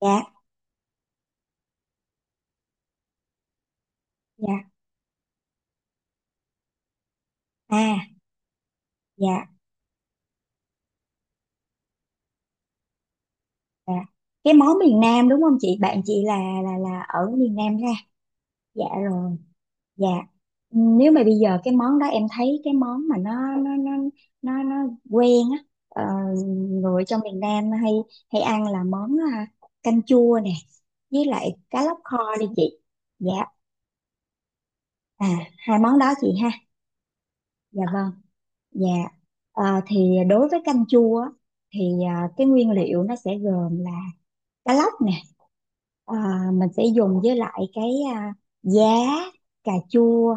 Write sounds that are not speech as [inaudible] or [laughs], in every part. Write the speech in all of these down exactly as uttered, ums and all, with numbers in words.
Dạ, dạ, à, dạ, dạ, cái món miền Nam đúng không chị? Bạn chị là là là ở miền Nam ra. Dạ rồi. Dạ. Ừ, nếu mà bây giờ cái món đó em thấy cái món mà nó nó nó nó nó quen á, ờ, người ở trong miền Nam hay hay ăn là món à, canh chua nè, với lại cá lóc kho đi chị. Dạ. À, hai món đó chị ha. Dạ vâng. Dạ. Ờ, thì đối với canh chua á, thì à, cái nguyên liệu nó sẽ gồm là cá lóc nè, à, mình sẽ dùng với lại cái, à, giá, cà chua,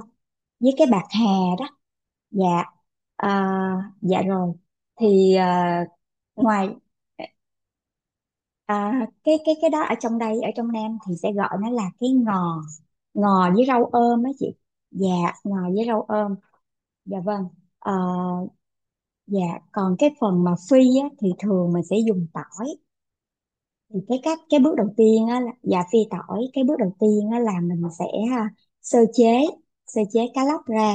với cái bạc hà đó. Dạ. à, dạ rồi. thì à, ngoài, à, cái cái cái đó ở trong đây, ở trong Nam thì sẽ gọi nó là cái ngò ngò với rau ôm á chị. Dạ, ngò với rau ôm. Dạ vâng. Ờ, dạ. Còn cái phần mà phi á thì thường mình sẽ dùng tỏi. Thì cái cách, cái bước đầu tiên á là dạ phi tỏi. Cái bước đầu tiên á là mình sẽ à, sơ chế sơ chế cá lóc ra.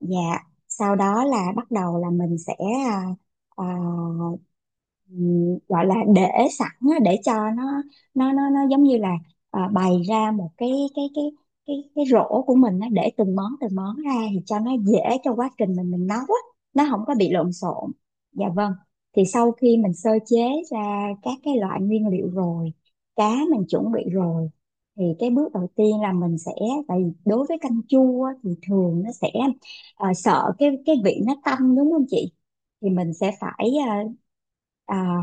Dạ, sau đó là bắt đầu là mình sẽ à, à, ừm, gọi là để sẵn á, để cho nó nó nó nó giống như là, à, bày ra một cái cái cái cái cái rổ của mình nó để từng món từng món ra thì cho nó dễ, cho quá trình mình mình nấu á, nó không có bị lộn xộn. Dạ vâng. Thì sau khi mình sơ chế ra các cái loại nguyên liệu rồi, cá mình chuẩn bị rồi, thì cái bước đầu tiên là mình sẽ, tại vì đối với canh chua á thì thường nó sẽ ờ, sợ cái cái vị nó tanh đúng không chị, thì mình sẽ phải. ờ, à,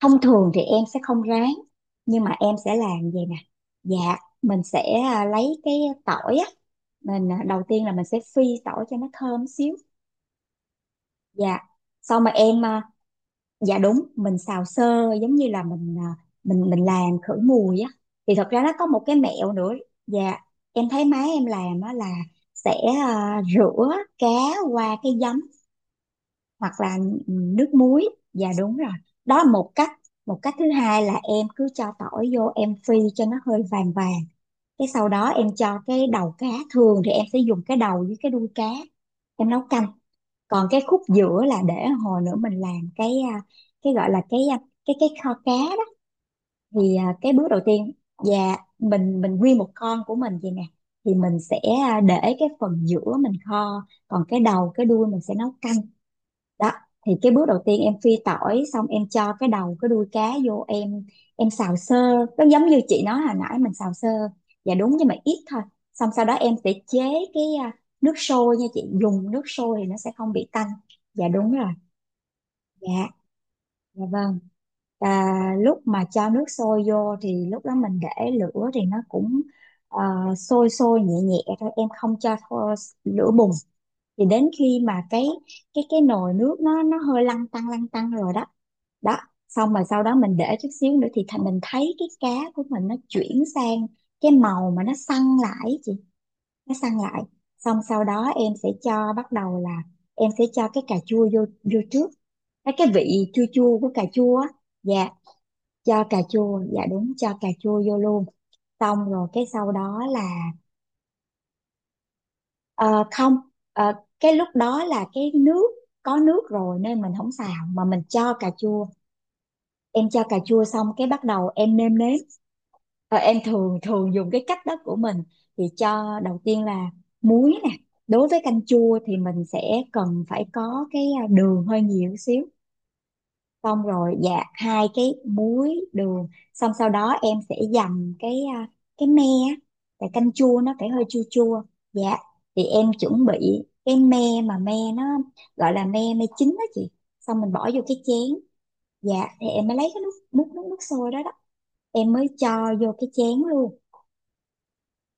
Thông thường thì em sẽ không rán, nhưng mà em sẽ làm vậy nè. Dạ, mình sẽ à, lấy cái tỏi á, mình, à, đầu tiên là mình sẽ phi tỏi cho nó thơm xíu. Dạ, xong mà em, à, dạ đúng, mình xào sơ giống như là mình, à, mình mình làm khử mùi á. Thì thật ra nó có một cái mẹo nữa. Dạ, em thấy má em làm á là sẽ à, rửa cá qua cái giấm, hoặc là nước muối. Dạ đúng rồi, đó là một cách. Một cách thứ hai là em cứ cho tỏi vô, em phi cho nó hơi vàng vàng, cái sau đó em cho cái đầu cá. Thường thì em sẽ dùng cái đầu với cái đuôi cá, em nấu canh. Còn cái khúc giữa là để hồi nữa mình làm cái, à, cái gọi là cái, à, cái cái kho cá đó. thì à, cái bước đầu tiên. Dạ, mình mình nguyên một con của mình vậy nè, thì mình sẽ à, để cái phần giữa mình kho, còn cái đầu cái đuôi mình sẽ nấu canh đó. Thì cái bước đầu tiên, em phi tỏi xong em cho cái đầu cái đuôi cá vô, em em xào sơ, nó giống như chị nói hồi nãy, mình xào sơ. Dạ đúng, nhưng mà ít thôi. Xong sau đó em sẽ chế cái, à, nước sôi nha chị. Dùng nước sôi thì nó sẽ không bị tanh. Dạ đúng rồi. Dạ. Dạ vâng. Và lúc mà cho nước sôi vô thì lúc đó mình để lửa thì nó cũng ờ, sôi sôi nhẹ nhẹ thôi. Em không cho tho- lửa bùng. Thì đến khi mà cái, cái cái nồi nước nó nó hơi lăn tăn lăn tăn rồi đó. Đó, xong rồi sau đó mình để chút xíu nữa thì thành mình thấy cái cá của mình nó chuyển sang cái màu mà nó săn lại ấy chị, nó săn lại. Xong sau đó em sẽ cho, bắt đầu là em sẽ cho cái cà chua vô vô trước, cái cái vị chua chua của cà chua á. Dạ, cho cà chua, dạ đúng, cho cà chua vô luôn. Xong rồi cái sau đó là ờ, không, ờ, cái lúc đó là cái nước có nước rồi nên mình không xào mà mình cho cà chua. Em cho cà chua xong, cái bắt đầu em nêm nếm. Ờ, em thường thường dùng cái cách đó của mình, thì cho đầu tiên là muối nè. Đối với canh chua thì mình sẽ cần phải có cái, à, đường hơi nhiều xíu, xong rồi dạt hai cái muối đường, xong sau đó em sẽ dầm cái, à, cái me á, tại canh chua nó phải hơi chua chua. Dạ, thì em chuẩn bị cái me. Mà me nó gọi là me me chín đó chị, xong mình bỏ vô cái chén. Dạ, thì em mới lấy cái nước nước nước nước sôi đó đó, em mới cho vô cái chén luôn.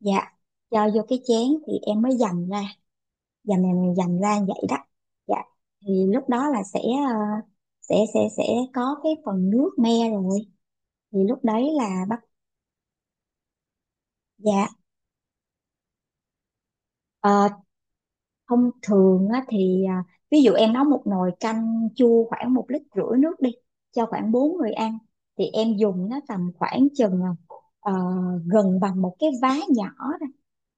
Dạ, cho vô cái chén thì em mới dầm ra, dầm dầm dầm ra vậy đó. Dạ. Thì lúc đó là sẽ ờ, sẽ sẽ sẽ có cái phần nước me rồi, thì lúc đấy là bắt. Dạ. ờ, thông thường á, thì à, ví dụ em nấu một nồi canh chua khoảng một lít rưỡi nước đi, cho khoảng bốn người ăn, thì em dùng nó tầm khoảng chừng, à, ờ, gần bằng một cái vá nhỏ thôi.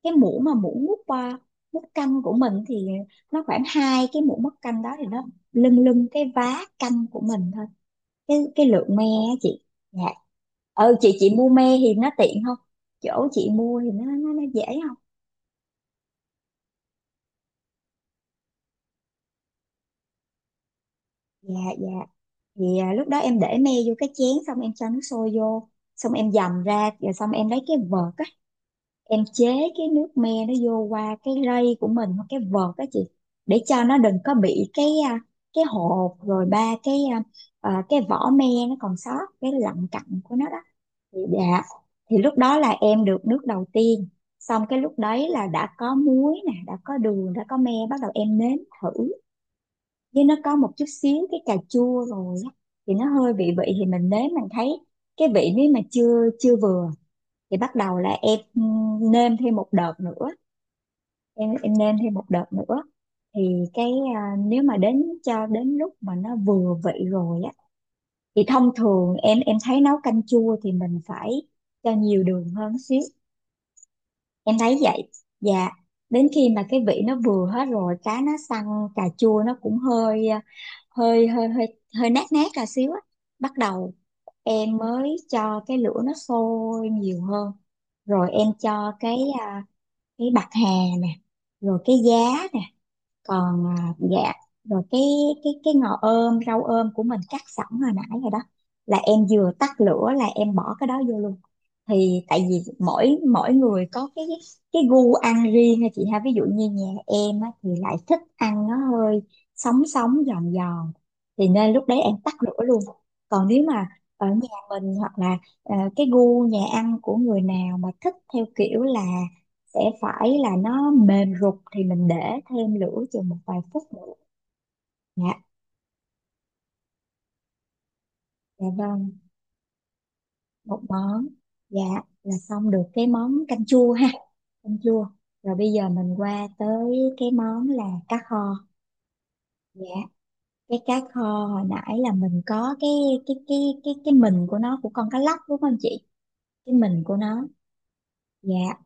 Cái muỗng mà muỗng múc, à, múc canh của mình thì nó khoảng hai cái muỗng múc canh đó, thì nó lưng lưng cái vá canh của mình thôi, cái cái lượng me á chị. Dạ. Ừ, chị chị mua me thì nó tiện không? Chỗ chị mua thì nó nó, nó dễ. Dạ, dạ. Vậy à, lúc đó em để me vô cái chén, xong em cho nước sôi vô, xong em dầm ra rồi, xong em lấy cái vợt á, em chế cái nước me nó vô qua cái rây của mình hoặc cái vợt á chị, để cho nó đừng có bị cái, à, cái hột, rồi ba cái, à, à, cái vỏ me nó còn sót cái lặng cặn của nó đó. Thì dạ. Thì lúc đó là em được nước đầu tiên, xong cái lúc đấy là đã có muối nè, đã có đường, đã có me, bắt đầu em nếm thử. Với nó có một chút xíu cái cà chua rồi á, thì nó hơi bị vị, thì mình nếm mình thấy cái vị nếu mà chưa chưa vừa thì bắt đầu là em nêm thêm một đợt nữa, em em nêm thêm một đợt nữa. Thì cái, à, nếu mà đến cho đến lúc mà nó vừa vị rồi á thì thông thường em em thấy nấu canh chua thì mình phải cho nhiều đường hơn xíu, em thấy vậy. Dạ. Đến khi mà cái vị nó vừa hết rồi, cá nó săn, cà chua nó cũng hơi ờ, hơi hơi hơi hơi nát nát cà xíu á, bắt đầu em mới cho cái lửa nó sôi nhiều hơn, rồi em cho cái, à, cái bạc hà nè, rồi cái giá nè, còn à, dạ, rồi cái, cái cái ngò ôm rau ôm của mình cắt sẵn hồi nãy rồi đó, là em vừa tắt lửa là em bỏ cái đó vô luôn. Thì tại vì mỗi mỗi người có cái cái gu ăn riêng ha chị ha, ví dụ như nhà em á thì lại thích ăn nó hơi sống sống giòn giòn, thì nên lúc đấy em tắt lửa luôn. Còn nếu mà ở nhà mình hoặc là, ờ, cái gu nhà ăn của người nào mà thích theo kiểu là sẽ phải là nó mềm rục thì mình để thêm lửa chừng một vài phút nữa. Dạ. Dạ vâng, một món. Dạ, là xong được cái món canh chua ha. Canh chua. Rồi bây giờ mình qua tới cái món là cá kho. Dạ, cái cá kho hồi nãy là mình có cái, cái cái cái cái mình của nó, của con cá lóc đúng không chị, cái mình của nó. Dạ,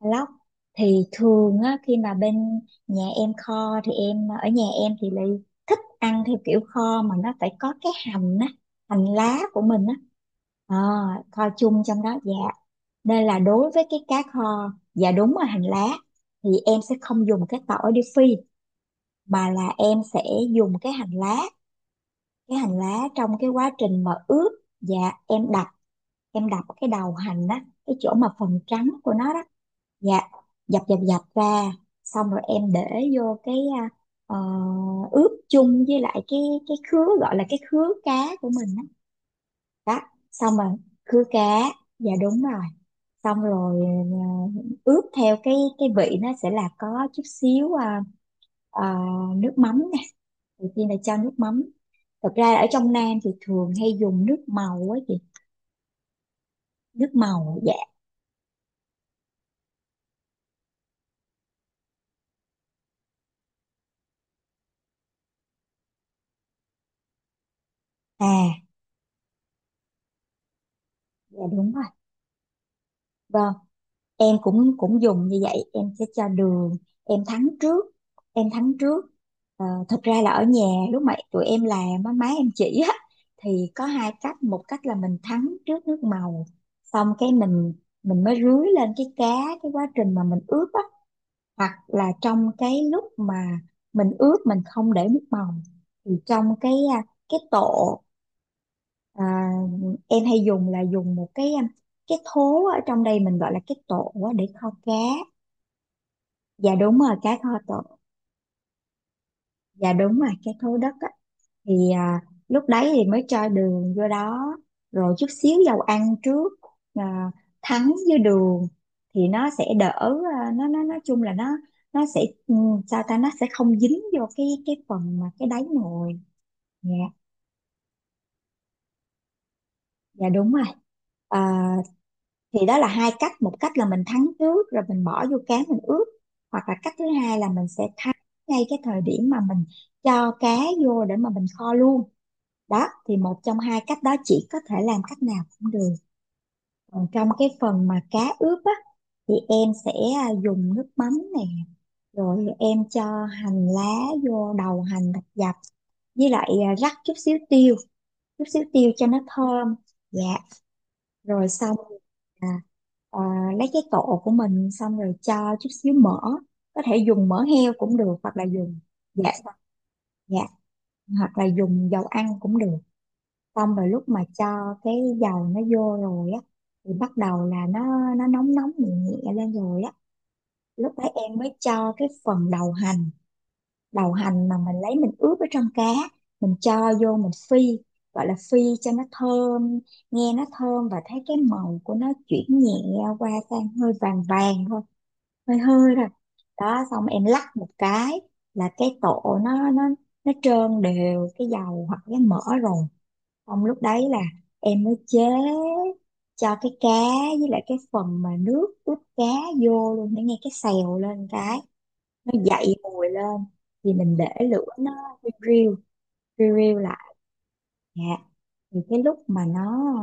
lóc. Thì thường á, khi mà bên nhà em kho thì em, ở nhà em thì lại thích ăn theo kiểu kho mà nó phải có cái hành á, hành lá của mình á. Ờ, kho chung trong đó. Dạ, nên là đối với cái cá kho, dạ đúng, là hành lá, thì em sẽ không dùng cái tỏi để phi mà là em sẽ dùng cái hành lá cái hành lá trong cái quá trình mà ướp. Dạ, em đập em đập cái đầu hành á, cái chỗ mà phần trắng của nó đó. Dạ, dập dập dập ra, xong rồi em để vô cái, à, ờ, ướp chung với lại cái cái khứa, gọi là cái khứa cá của mình đó, đó. Xong rồi, khứa cá. Dạ, đúng rồi. Xong rồi, à, ướp theo cái cái vị nó sẽ là có chút xíu à, à, nước mắm nè. Đầu tiên là cho nước mắm. Thật ra là ở trong Nam thì thường hay dùng nước màu á chị. Nước màu. Dạ. À, dạ, đúng rồi. Vâng, em cũng cũng dùng như vậy, em sẽ cho đường, em thắng trước. em thắng trước Ờ, thật ra là ở nhà, lúc mà tụi em làm á, má em chỉ á, thì có hai cách. Một cách là mình thắng trước nước màu, xong cái mình mình mới rưới lên cái cá, cái quá trình mà mình ướp á. Hoặc là trong cái lúc mà mình ướp, mình không để nước màu thì trong cái à, cái tổ. À, em hay dùng là dùng một cái um, cái thố, ở trong đây mình gọi là cái tổ á, để kho cá. Dạ, đúng rồi, cá kho tổ. Dạ, đúng rồi, cái thố đất á. Thì à, lúc đấy thì mới cho đường vô đó, rồi chút xíu dầu ăn trước, à, thắng với đường thì nó sẽ đỡ, à, nó nó nói chung là nó nó sẽ ừ, sao ta, nó sẽ không dính vô cái cái phần mà cái đáy nồi. Dạ. Dạ, đúng rồi. à, thì đó là hai cách. Một cách là mình thắng trước rồi mình bỏ vô cá mình ướp, hoặc là cách thứ hai là mình sẽ thắng ngay cái thời điểm mà mình cho cá vô để mà mình kho luôn. Đó, thì một trong hai cách đó, chỉ có thể làm cách nào cũng được. Còn trong cái phần mà cá ướp á, thì em sẽ à, dùng nước mắm này, rồi em cho hành lá vô, đầu hành thật dập, với lại à, rắc chút xíu tiêu, chút xíu tiêu cho nó thơm. Dạ, rồi xong. à, à, lấy cái tổ của mình xong rồi cho chút xíu mỡ, có thể dùng mỡ heo cũng được, hoặc là dùng. Dạ. Dạ, hoặc là dùng dầu ăn cũng được. Xong rồi lúc mà cho cái dầu nó vô rồi á, thì bắt đầu là nó nó nóng nóng nhẹ nhẹ lên rồi á, lúc đấy em mới cho cái phần đầu hành. Đầu hành mà mình lấy mình ướp ở trong cá, mình cho vô mình phi, gọi là phi cho nó thơm. Nghe nó thơm và thấy cái màu của nó chuyển nhẹ qua sang hơi vàng vàng thôi, hơi hơi rồi. Đó, xong em lắc một cái là cái tổ nó nó nó trơn đều cái dầu hoặc cái mỡ rồi. Xong lúc đấy là em mới chế cho cái cá với lại cái phần mà nước ướp cá vô luôn, để nghe cái xèo lên cái nó dậy mùi lên. Thì mình để lửa nó riu riu riu lại. Dạ. Thì cái lúc mà nó ờ,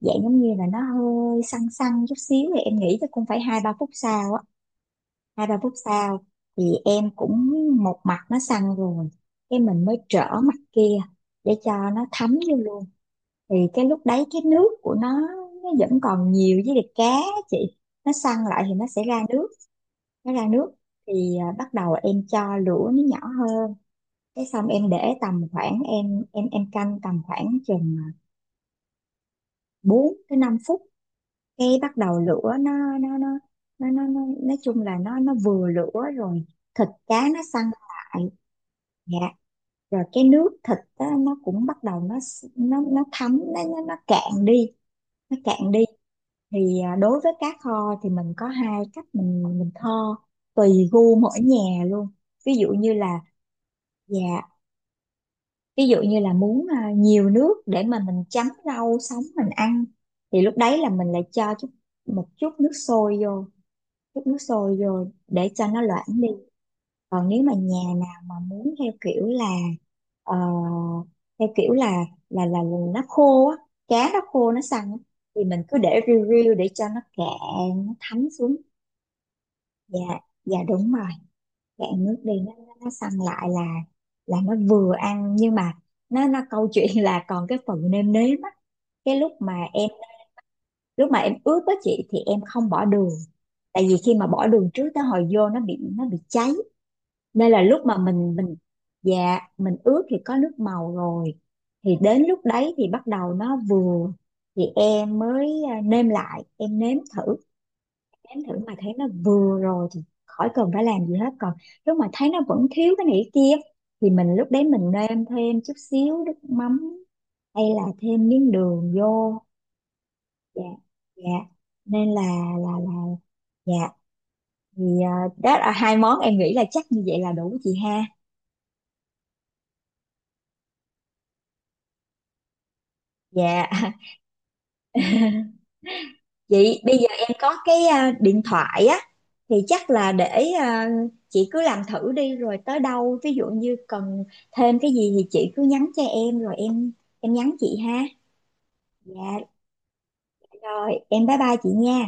dạng giống như là nó hơi săn săn chút xíu, thì em nghĩ chắc cũng phải hai ba phút sau á, hai ba phút sau, thì em cũng một mặt nó săn rồi, cái mình mới trở mặt kia để cho nó thấm vô luôn. Thì cái lúc đấy cái nước của nó nó vẫn còn nhiều với lại cá á chị, nó săn lại thì nó sẽ ra nước, nó ra nước. Thì à, bắt đầu em cho lửa nó nhỏ hơn, cái xong em để tầm khoảng em em em canh tầm khoảng chừng à, bốn tới năm phút. Cái bắt đầu lửa nó nó nó nó nó, nó nói chung là nó nó vừa lửa rồi, thịt cá nó săn lại. Dạ. Rồi cái nước thịt á, nó cũng bắt đầu nó s- nó nó thấm nó nó, nó cạn đi, nó cạn đi. Thì à, đối với cá kho thì mình có hai cách mình mình kho, tùy gu mỗi nhà luôn. Ví dụ như là. Dạ. Ví dụ như là muốn à, nhiều nước để mà mình chấm rau sống mình ăn, thì lúc đấy là mình lại cho chút một chút nước sôi vô, chút nước sôi rồi để cho nó loãng đi. Còn nếu mà nhà nào mà muốn theo kiểu là ờ, theo kiểu là là là nó khô á, cá nó khô nó săn á, thì mình cứ để riu riu để cho nó cạn, nó thấm xuống. Dạ. Dạ, đúng rồi, cạn nước đi nó nó nó săn lại là là nó vừa ăn. Nhưng mà nó nó câu chuyện là còn cái phần nêm nếm á. Cái lúc mà em lúc mà em ướp á chị, thì em không bỏ đường, tại vì khi mà bỏ đường trước, tới hồi vô nó bị nó bị cháy. Nên là lúc mà mình mình. Dạ, mình ướp thì có nước màu rồi, thì đến lúc đấy thì bắt đầu nó vừa, thì em mới à, nêm lại, em nếm thử. Nếm thử mà thấy nó vừa rồi thì khỏi cần phải làm gì hết. Còn lúc mà thấy nó vẫn thiếu cái này cái kia thì mình, lúc đấy mình nêm thêm chút xíu nước mắm hay là thêm miếng đường vô. Dạ. Dạ, nên là là là. Dạ. Thì à, đó là hai món em nghĩ là chắc như vậy là đủ chị ha. Dạ. [laughs] Chị, bây giờ em có cái à, điện thoại á, thì chắc là để à, chị cứ làm thử đi, rồi tới đâu, ví dụ như cần thêm cái gì thì chị cứ nhắn cho em, rồi em em nhắn chị ha. Dạ. Rồi em bye bye chị nha.